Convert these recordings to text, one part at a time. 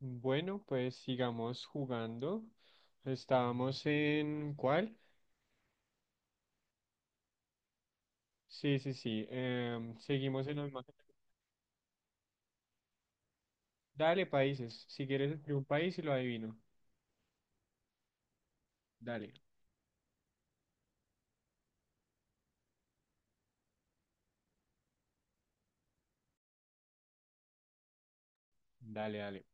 Bueno, pues sigamos jugando. Estábamos en ¿cuál? Sí, sí, sí. Seguimos en los más. Dale, países. Si quieres escribir un país y lo adivino. Dale, dale.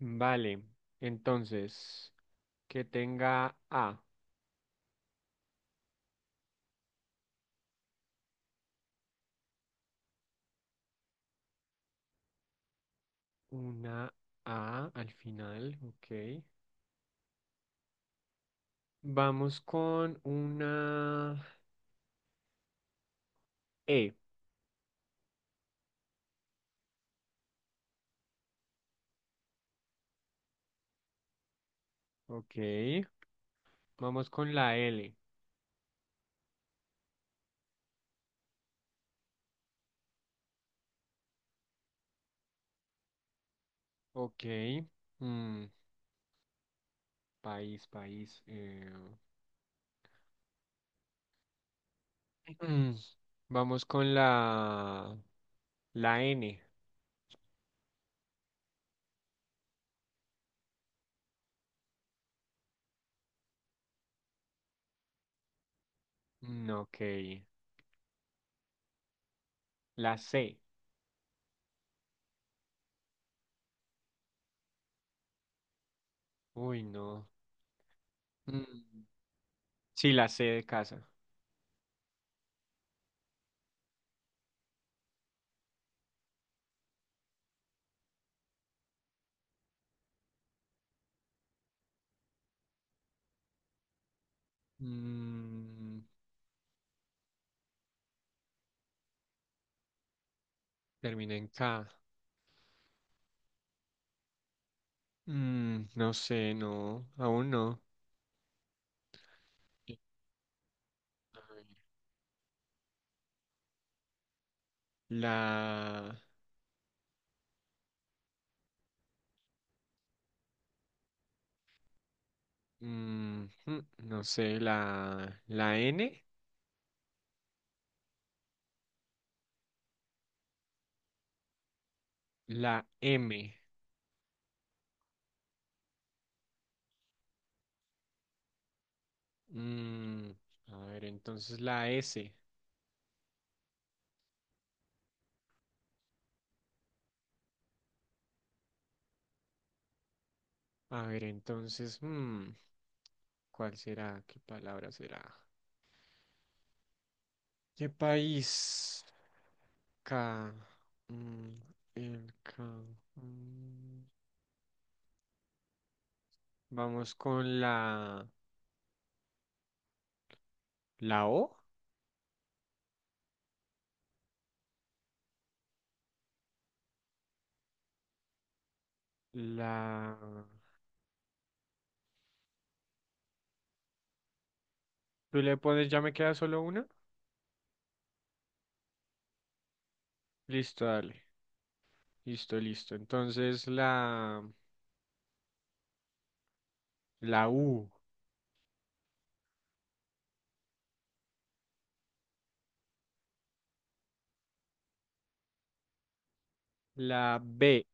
Vale. Entonces, que tenga A. Una A al final. Ok. Vamos con una E. Ok. Vamos con la L. Ok. mm, País, país. Mm, Vamos con la N. Ok. La C. Uy, no. Mm, Sí, la C de casa. Mm, Termina en K. No sé, no. Aún no. La... no sé, la N. La M. Mm, a ver, entonces la S. A ver, entonces, ¿cuál será? ¿Qué palabra será? ¿Qué país? K. mm, el K. mm. Vamos con la O. La... ¿Tú le pones, ya me queda solo una? Listo, dale. Listo, listo. Entonces la U. La B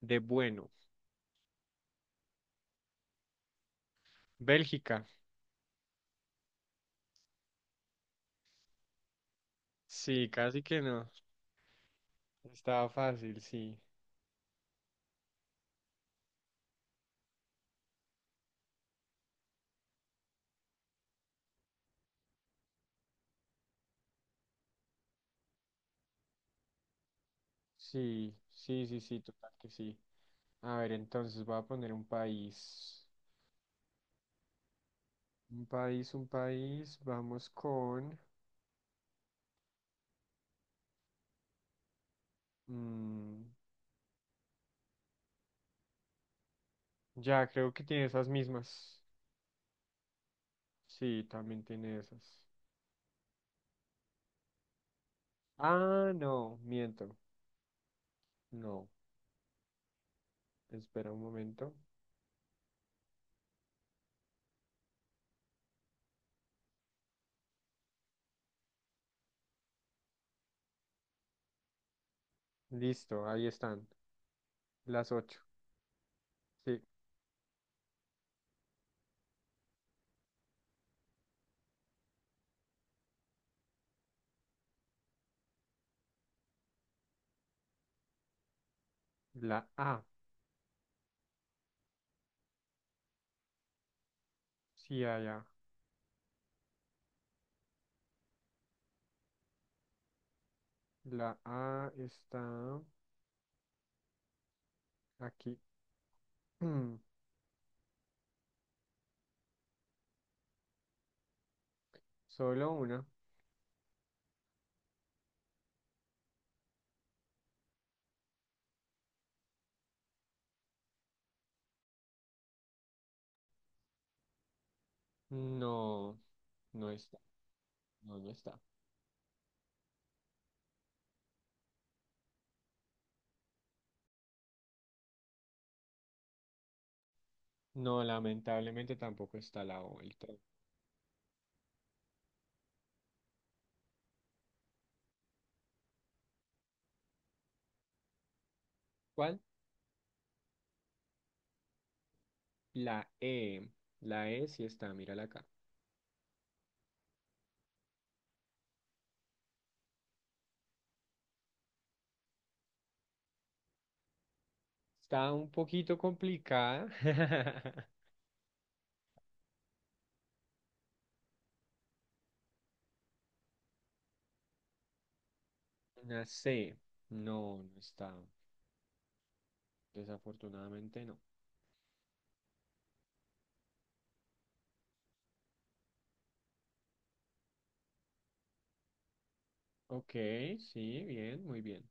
de bueno. Bélgica. Sí, casi que no. Estaba fácil, sí. Sí, sí, sí, sí, total que sí. A ver, entonces voy a poner un país. Un país, un país, vamos con... mm, ya, creo que tiene esas mismas. Sí, también tiene esas. Ah, no, miento. No, espera un momento. Listo, ahí están. Las ocho. Sí, la A. Sí, allá. La A está aquí. Mm, Solo una. No, no está. No, no está. No, lamentablemente tampoco está la O. El todo. ¿Cuál? La E, la E sí está, mírala acá. Está un poquito complicada. Una C, no, no está. Desafortunadamente no. Ok, sí, bien, muy bien.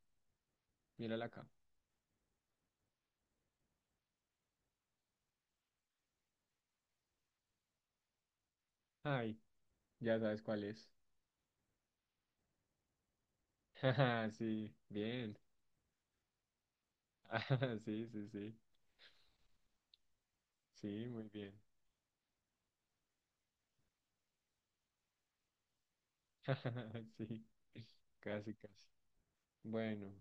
Mírala acá. Ay, ya sabes cuál es. Sí, bien. Sí, sí, sí. Sí, muy bien. Sí, casi, casi. Bueno,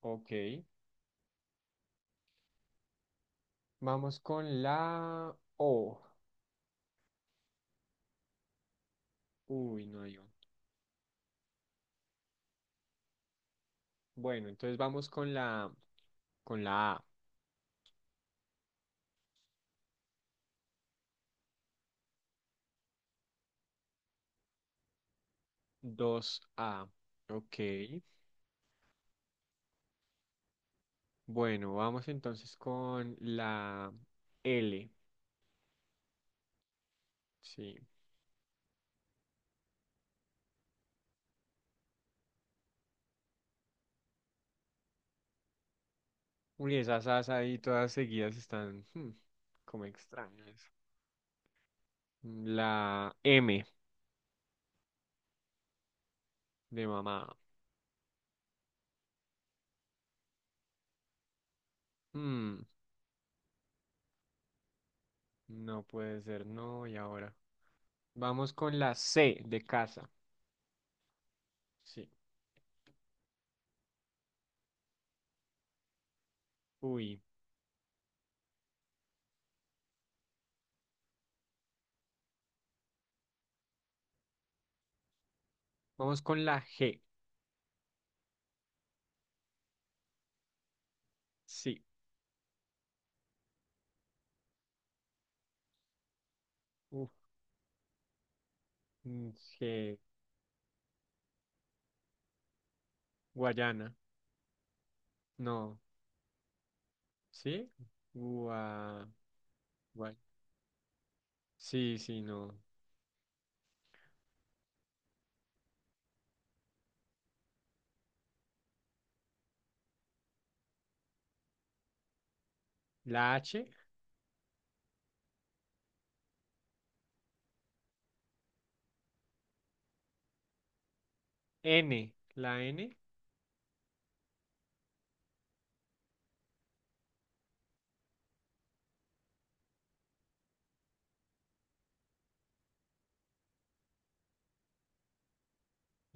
ok. Vamos con la O. Uy, no hay O. Bueno, entonces vamos con la... Con la A, 2A. Ok. Bueno, vamos entonces con la L. Sí. Uy, esas As ahí todas seguidas están hmm, como extrañas. La M de mamá. Hmm, no puede ser, no, y ahora. Vamos con la C de casa. Sí. Uy. Vamos con la G. Sí. Uf, mm, G. Guayana. No. ¿Sí? Gua... Sí, sí, no. La H, N,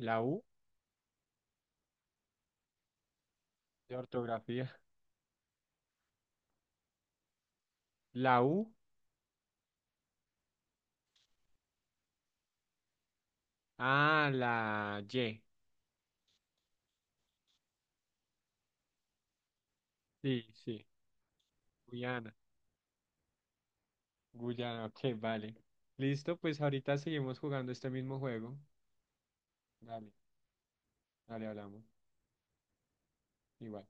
la U de ortografía. La U, ah, la Y. Sí, sí, Guyana, Guyana, ok, vale. Listo, pues ahorita seguimos jugando este mismo juego. Dale, dale, hablamos. Igual.